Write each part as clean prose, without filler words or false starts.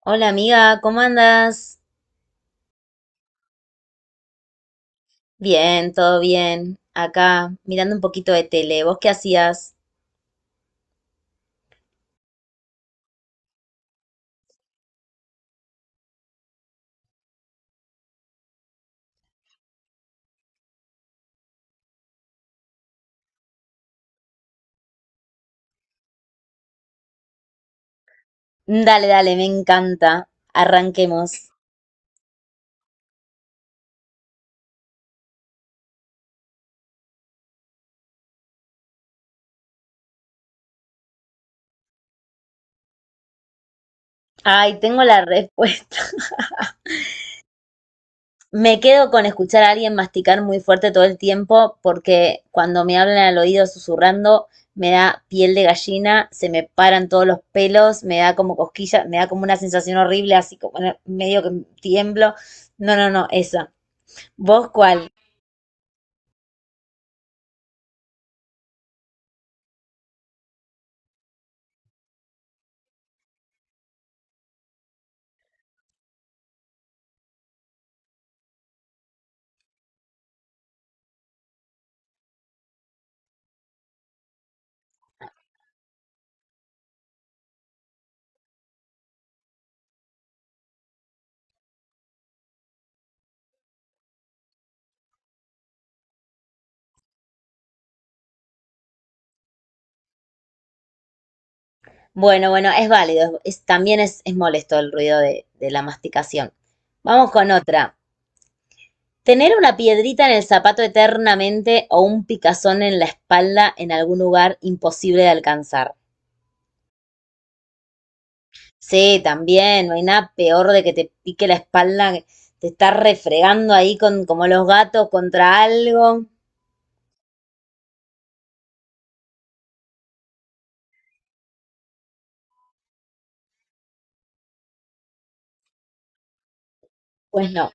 Hola amiga, ¿cómo andas? Bien, todo bien. Acá, mirando un poquito de tele. ¿Vos qué hacías? Dale, dale, me encanta. Arranquemos. Ay, tengo la respuesta. Me quedo con escuchar a alguien masticar muy fuerte todo el tiempo porque cuando me hablan al oído susurrando me da piel de gallina, se me paran todos los pelos, me da como cosquilla, me da como una sensación horrible, así como medio que tiemblo. No, no, no, esa. ¿Vos cuál? Bueno, bueno, es válido. También es molesto el ruido de la masticación. Vamos con otra. Tener una piedrita en el zapato eternamente o un picazón en la espalda en algún lugar imposible de alcanzar. Sí, también, no hay nada peor de que te pique la espalda, que te estás refregando ahí como los gatos contra algo. Pues no.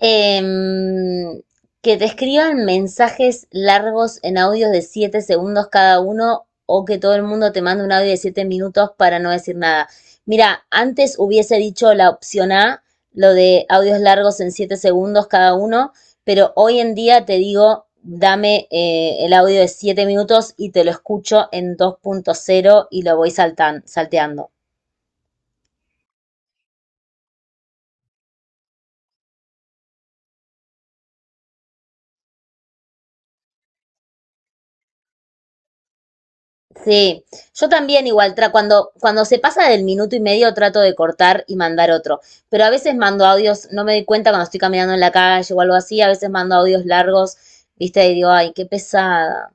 Em, que te escriban mensajes largos en audios de 7 segundos cada uno o que todo el mundo te mande un audio de 7 minutos para no decir nada. Mira, antes hubiese dicho la opción A, lo de audios largos en 7 segundos cada uno, pero hoy en día te digo, dame el audio de 7 minutos y te lo escucho en 2.0 y lo voy salteando. Sí, yo también igual, cuando, cuando se pasa del minuto y medio trato de cortar y mandar otro, pero a veces mando audios, no me doy cuenta cuando estoy caminando en la calle o algo así, a veces mando audios largos, viste, y digo, ay, qué pesada.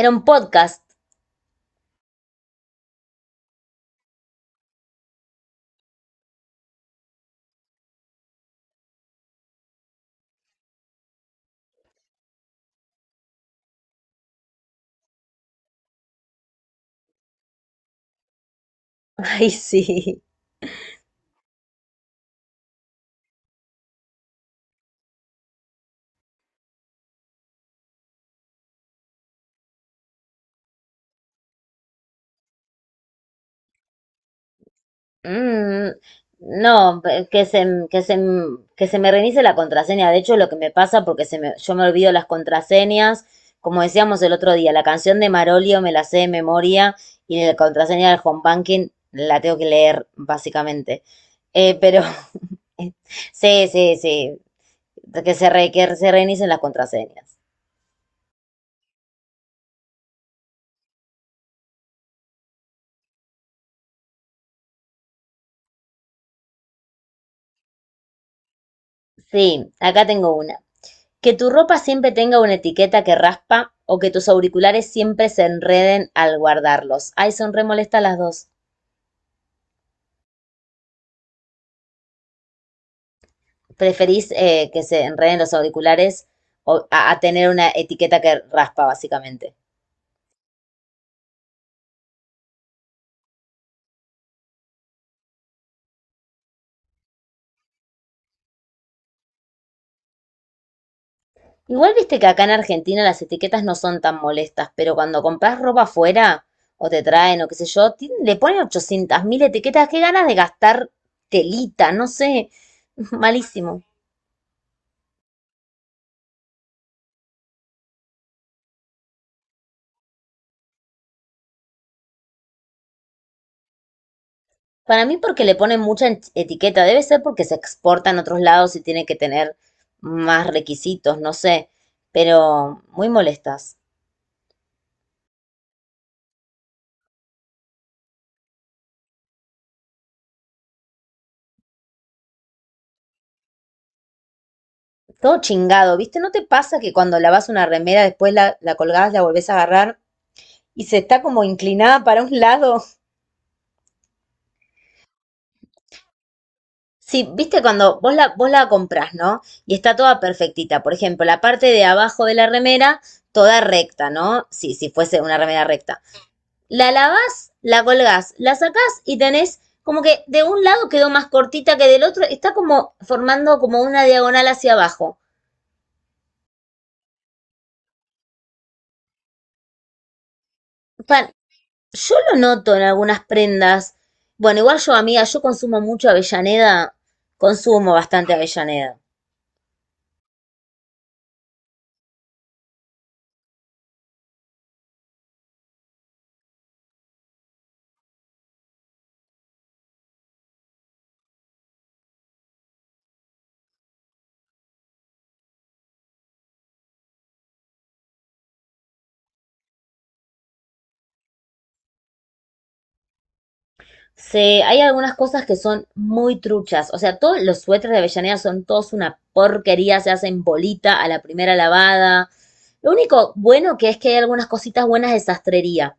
Era un podcast. Ay, sí. Mm, no, pe- que se, m- que se, m- que se me reinicie la contraseña. De hecho, lo que me pasa, porque yo me olvido las contraseñas, como decíamos el otro día, la canción de Marolio me la sé de memoria y la contraseña del home banking la tengo que leer, básicamente. Eh, pero sí, sí, sí, que se reinicien las contraseñas. Sí, acá tengo una. Que tu ropa siempre tenga una etiqueta que raspa o que tus auriculares siempre se enreden al guardarlos. Ay, son re molestas las dos. ¿Preferís que se enreden los auriculares a tener una etiqueta que raspa, básicamente? Igual viste que acá en Argentina las etiquetas no son tan molestas, pero cuando compras ropa afuera o te traen o qué sé yo, le ponen 800.000 etiquetas. Qué ganas de gastar telita, no sé. Malísimo. Para mí porque le ponen mucha etiqueta, debe ser porque se exporta en otros lados y tiene que tener más requisitos, no sé, pero muy molestas. Todo chingado, ¿viste? ¿No te pasa que cuando lavas una remera después la colgás, la volvés a agarrar y se está como inclinada para un lado? Sí, ¿viste? Cuando vos vos la comprás, ¿no? Y está toda perfectita. Por ejemplo, la parte de abajo de la remera, toda recta, ¿no? Sí, si fuese una remera recta. La lavas, la colgás, la sacás y tenés como que de un lado quedó más cortita que del otro, está como formando como una diagonal hacia abajo. Pan, yo lo noto en algunas prendas. Bueno, igual yo, amiga, yo consumo mucho Avellaneda, consumo bastante Avellaneda. Hay algunas cosas que son muy truchas. O sea, todos los suéteres de Avellaneda son todos una porquería, se hacen bolita a la primera lavada. Lo único bueno que es que hay algunas cositas buenas de sastrería.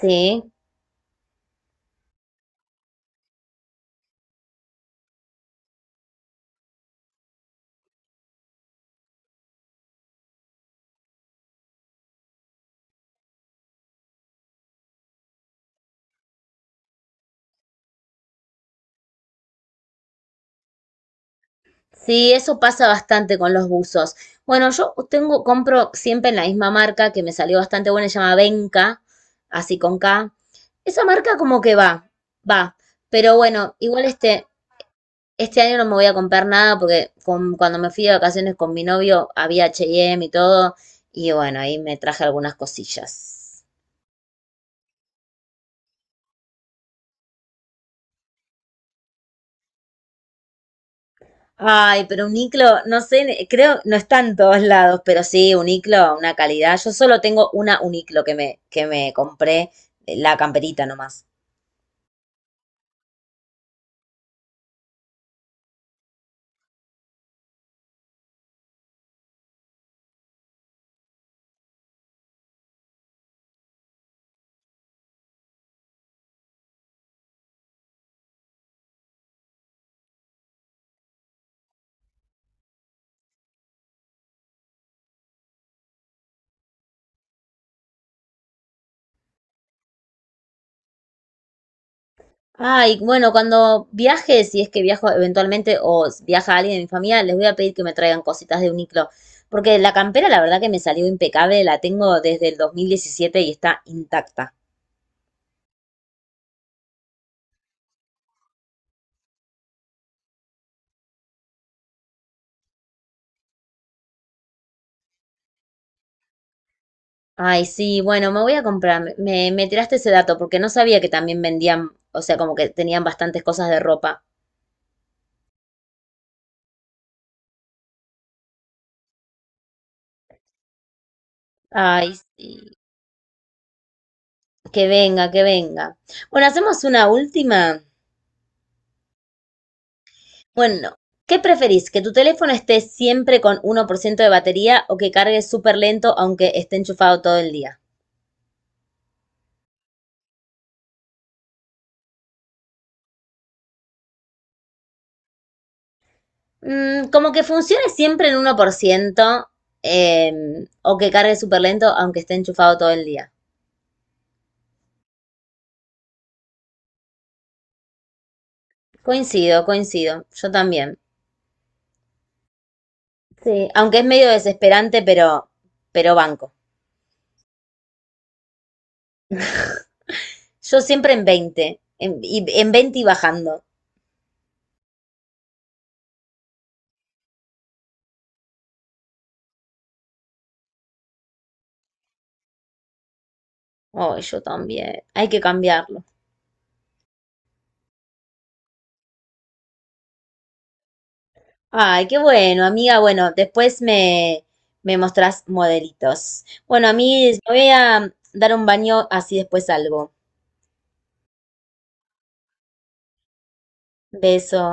Sí, sí, eso pasa bastante con los buzos. Bueno, yo tengo, compro siempre en la misma marca que me salió bastante buena, se llama Benka, así con K. Esa marca como que va, va. Pero bueno, igual este año no me voy a comprar nada porque cuando me fui de vacaciones con mi novio había H&M y M y todo. Y bueno, ahí me traje algunas cosillas. Ay, pero un iclo, no sé, creo, no está en todos lados, pero sí, un iclo, una calidad. Yo solo tengo una uniclo que me, compré, la camperita nomás. Ay, bueno, cuando viaje, si es que viajo eventualmente viaja alguien de mi familia, les voy a pedir que me traigan cositas de uniclo, porque la campera la verdad que me salió impecable, la tengo desde el 2017 y está intacta. Ay, sí, bueno, me voy a comprar, me tiraste ese dato porque no sabía que también vendían, o sea, como que tenían bastantes cosas de ropa. Ay, sí, que venga, que venga. Bueno, hacemos una última. Bueno, ¿qué preferís? ¿Que tu teléfono esté siempre con 1% de batería o que cargue súper lento aunque esté enchufado todo el día? Mm, como que funcione siempre en 1% o que cargue súper lento aunque esté enchufado todo el día. Coincido, coincido. Yo también. Sí, aunque es medio desesperante, pero banco. Yo siempre en 20, en 20 y bajando. Oh, yo también. Hay que cambiarlo. Ay, qué bueno, amiga. Bueno, después me mostrás modelitos. Bueno, a mí me voy a dar un baño, así después salgo. Beso.